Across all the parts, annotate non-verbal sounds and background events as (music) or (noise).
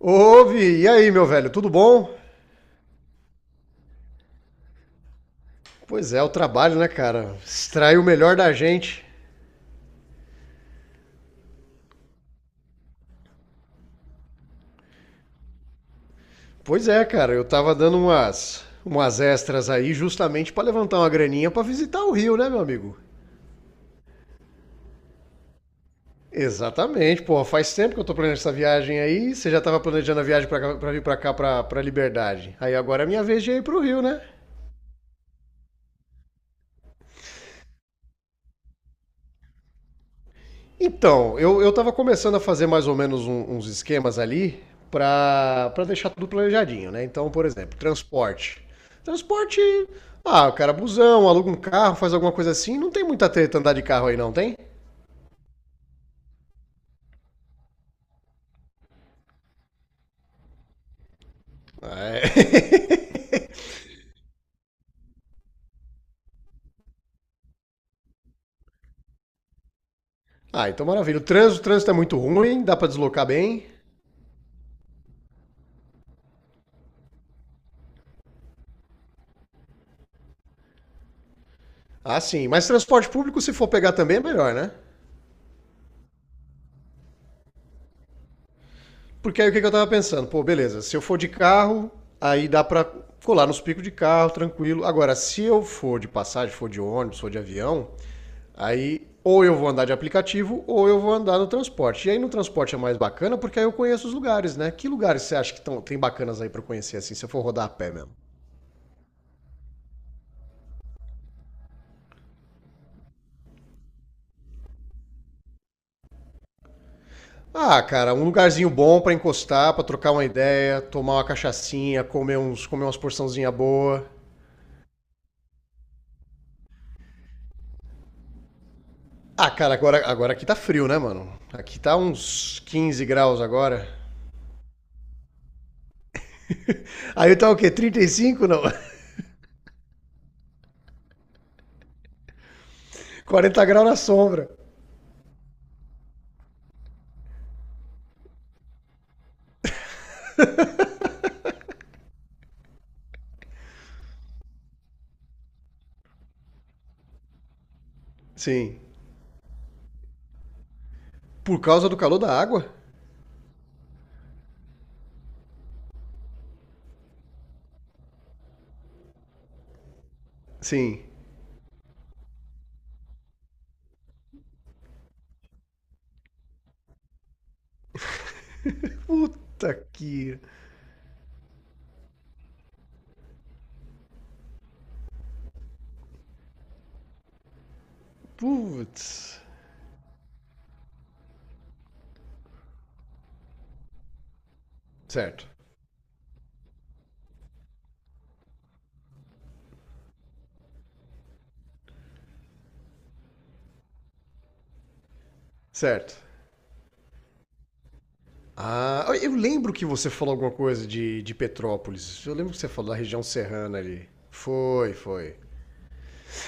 Ouve, e aí, meu velho, tudo bom? Pois é, o trabalho, né, cara? Extrai o melhor da gente. Pois é, cara, eu tava dando umas extras aí justamente pra levantar uma graninha pra visitar o Rio, né, meu amigo? Exatamente, pô, faz tempo que eu tô planejando essa viagem aí. Você já tava planejando a viagem pra, pra vir pra cá, pra Liberdade. Aí agora é minha vez de ir pro Rio, né? Então, eu tava começando a fazer mais ou menos uns esquemas ali pra deixar tudo planejadinho, né? Então, por exemplo, transporte. Transporte, ah, o cara é busão, aluga um carro, faz alguma coisa assim, não tem muita treta andar de carro aí não, tem? É. (laughs) Ah, então maravilha. O trânsito é muito ruim, dá pra deslocar bem. Ah, sim, mas transporte público, se for pegar, também é melhor, né? Porque aí o que eu tava pensando? Pô, beleza, se eu for de carro, aí dá pra colar nos picos de carro, tranquilo. Agora, se eu for de passagem, for de ônibus, for de avião, aí ou eu vou andar de aplicativo ou eu vou andar no transporte. E aí no transporte é mais bacana porque aí eu conheço os lugares, né? Que lugares você acha que tão, tem bacanas aí pra conhecer assim, se eu for rodar a pé mesmo? Ah, cara, um lugarzinho bom pra encostar, pra trocar uma ideia, tomar uma cachaçinha, comer umas porçãozinha boa. Ah, cara, agora, agora aqui tá frio, né, mano? Aqui tá uns 15 graus agora. Aí tá o quê? 35? Não. (laughs) 40 graus na sombra. Sim. Por causa do calor da água? Sim. Puta que. Putz. Certo. Certo. Ah, eu lembro que você falou alguma coisa de Petrópolis. Eu lembro que você falou da região serrana ali. Foi, foi.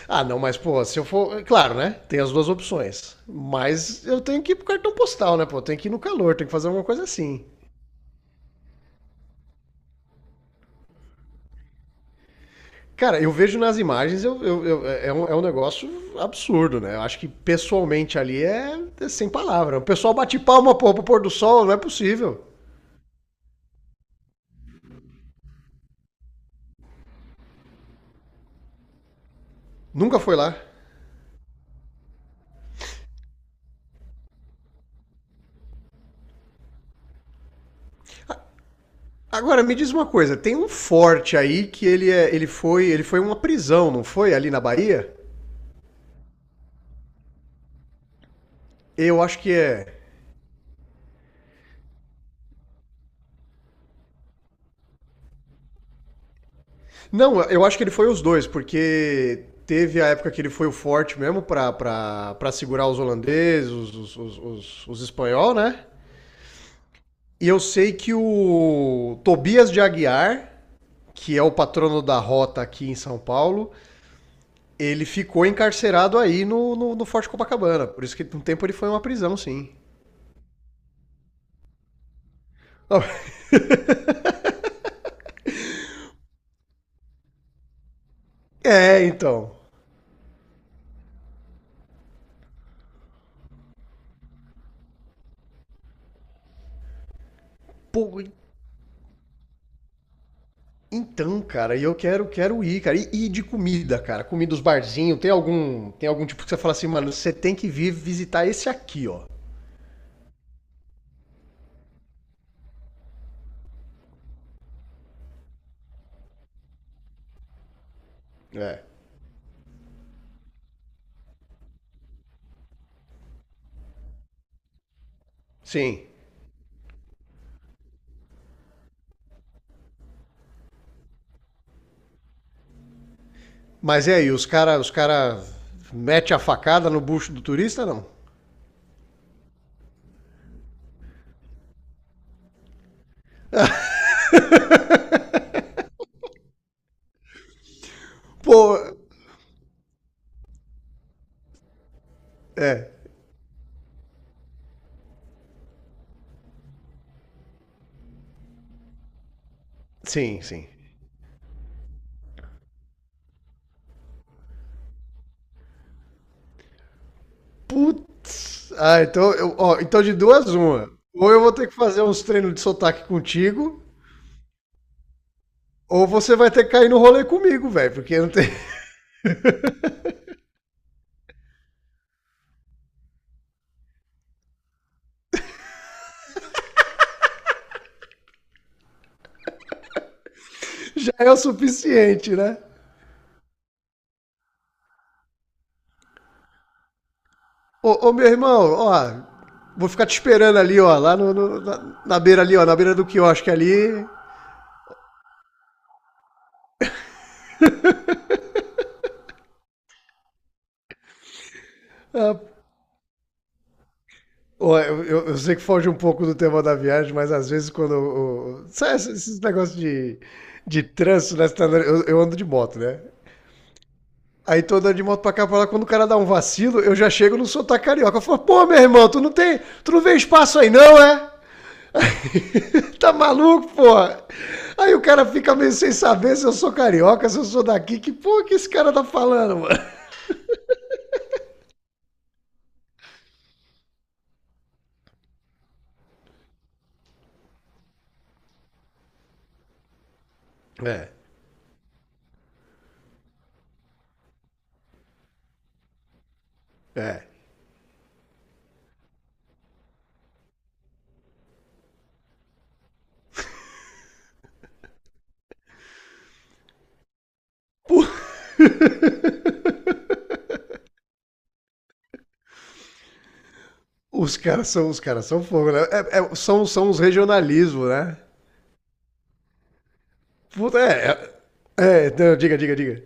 Ah, não, mas, pô, se eu for. Claro, né? Tem as duas opções. Mas eu tenho que ir pro cartão postal, né, pô? Eu tenho que ir no calor, tenho que fazer alguma coisa assim. Cara, eu vejo nas imagens. É um negócio absurdo, né? Eu acho que pessoalmente ali é sem palavra. O pessoal bate palma, pô, pro pôr do sol. Não é possível. Nunca foi lá. Agora, me diz uma coisa, tem um forte aí que ele foi uma prisão, não foi? Ali na Bahia? Eu acho que é Não, eu acho que ele foi os dois, porque teve a época que ele foi o forte mesmo pra, pra segurar os holandeses, os espanhol, né? E eu sei que o Tobias de Aguiar, que é o patrono da rota aqui em São Paulo, ele ficou encarcerado aí no Forte Copacabana. Por isso que por um tempo ele foi uma prisão, sim. (laughs) É, então. Pô, então, cara, e eu quero, quero ir, cara. E de comida, cara. Comida dos barzinhos, tem algum tipo que você fala assim, mano, você tem que vir visitar esse aqui, ó. É. Sim. Mas e aí, os cara mete a facada no bucho do turista, não? Pô, sim, sim. Putz. Ah, então, eu, ó, então de duas uma. Ou eu vou ter que fazer uns treinos de sotaque contigo, ou você vai ter que cair no rolê comigo, velho, porque não tem- (laughs) já é o suficiente, né? Ô, ô, meu irmão, ó, vou ficar te esperando ali, ó, lá na beira ali, ó, na beira do quiosque ali. Ah, ó, eu sei que foge um pouco do tema da viagem, mas às vezes quando o- sabe, esses negócios de trânsito, né? Você tá andando- Eu ando de moto, né? Aí tô andando de moto pra cá pra lá, quando o cara dá um vacilo, eu já chego no sotaque carioca. Eu falo, pô, meu irmão, tu não tem. Tu não vê espaço aí, não, é? (laughs) Tá maluco, porra? Aí o cara fica meio sem saber se eu sou carioca, se eu sou daqui. Que porra que esse cara tá falando, mano? É, é. Os caras são fogo, né? É, são os regionalismos, né? Puta, é, não, diga, diga, diga.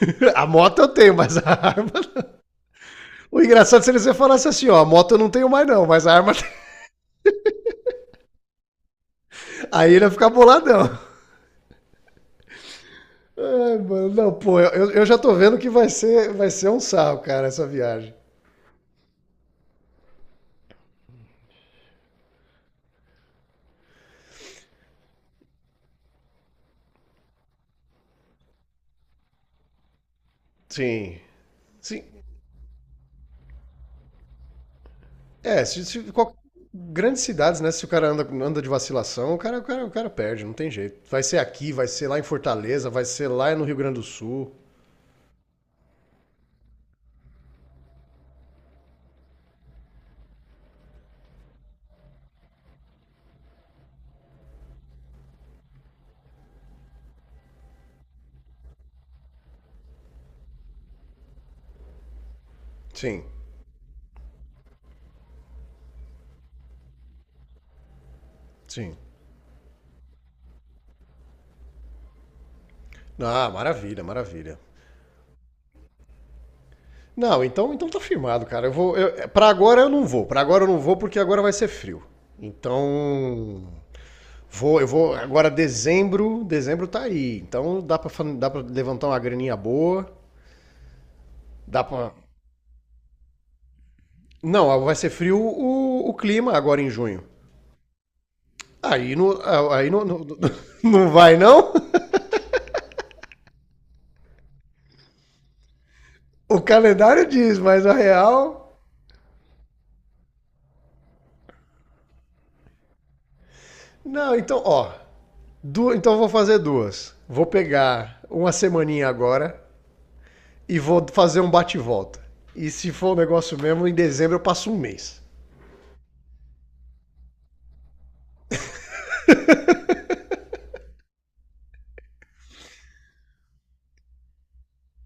(laughs) A moto eu tenho, mas a arma, não. O engraçado seria se você falasse assim, ó, a moto eu não tenho mais, não, mas a arma, tem. (laughs) Aí ele ia ficar boladão. Ai, mano, não, pô, eu já tô vendo que vai ser um sarro, cara, essa viagem. Sim. Sim. É, se, qual- grandes cidades, né? Se o cara anda, anda de vacilação, o cara, o, cara, o cara perde, não tem jeito. Vai ser aqui, vai ser lá em Fortaleza, vai ser lá no Rio Grande do Sul. Sim, sim. Ah, maravilha, maravilha. Não, então, então tá firmado, cara. Para agora eu não vou. Pra agora eu não vou porque agora vai ser frio. Então, eu vou agora, dezembro, dezembro tá aí. Então dá pra levantar uma graninha boa, dá pra Não, vai ser frio o clima agora em junho. Aí não, aí não, não, (laughs) não vai, não? (laughs) O calendário diz, mas a real. Não, então, ó. Du... Então eu vou fazer duas. Vou pegar uma semaninha agora e vou fazer um bate-volta. E se for um negócio mesmo, em dezembro eu passo um mês.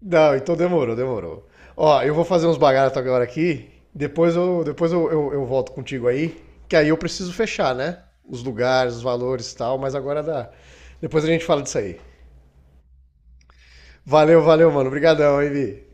Não, então demorou, demorou. Ó, eu vou fazer uns bagatos agora aqui. Depois eu, depois eu volto contigo aí. Que aí eu preciso fechar, né? Os lugares, os valores e tal, mas agora dá. Depois a gente fala disso aí. Valeu, valeu, mano. Obrigadão, hein, Vi.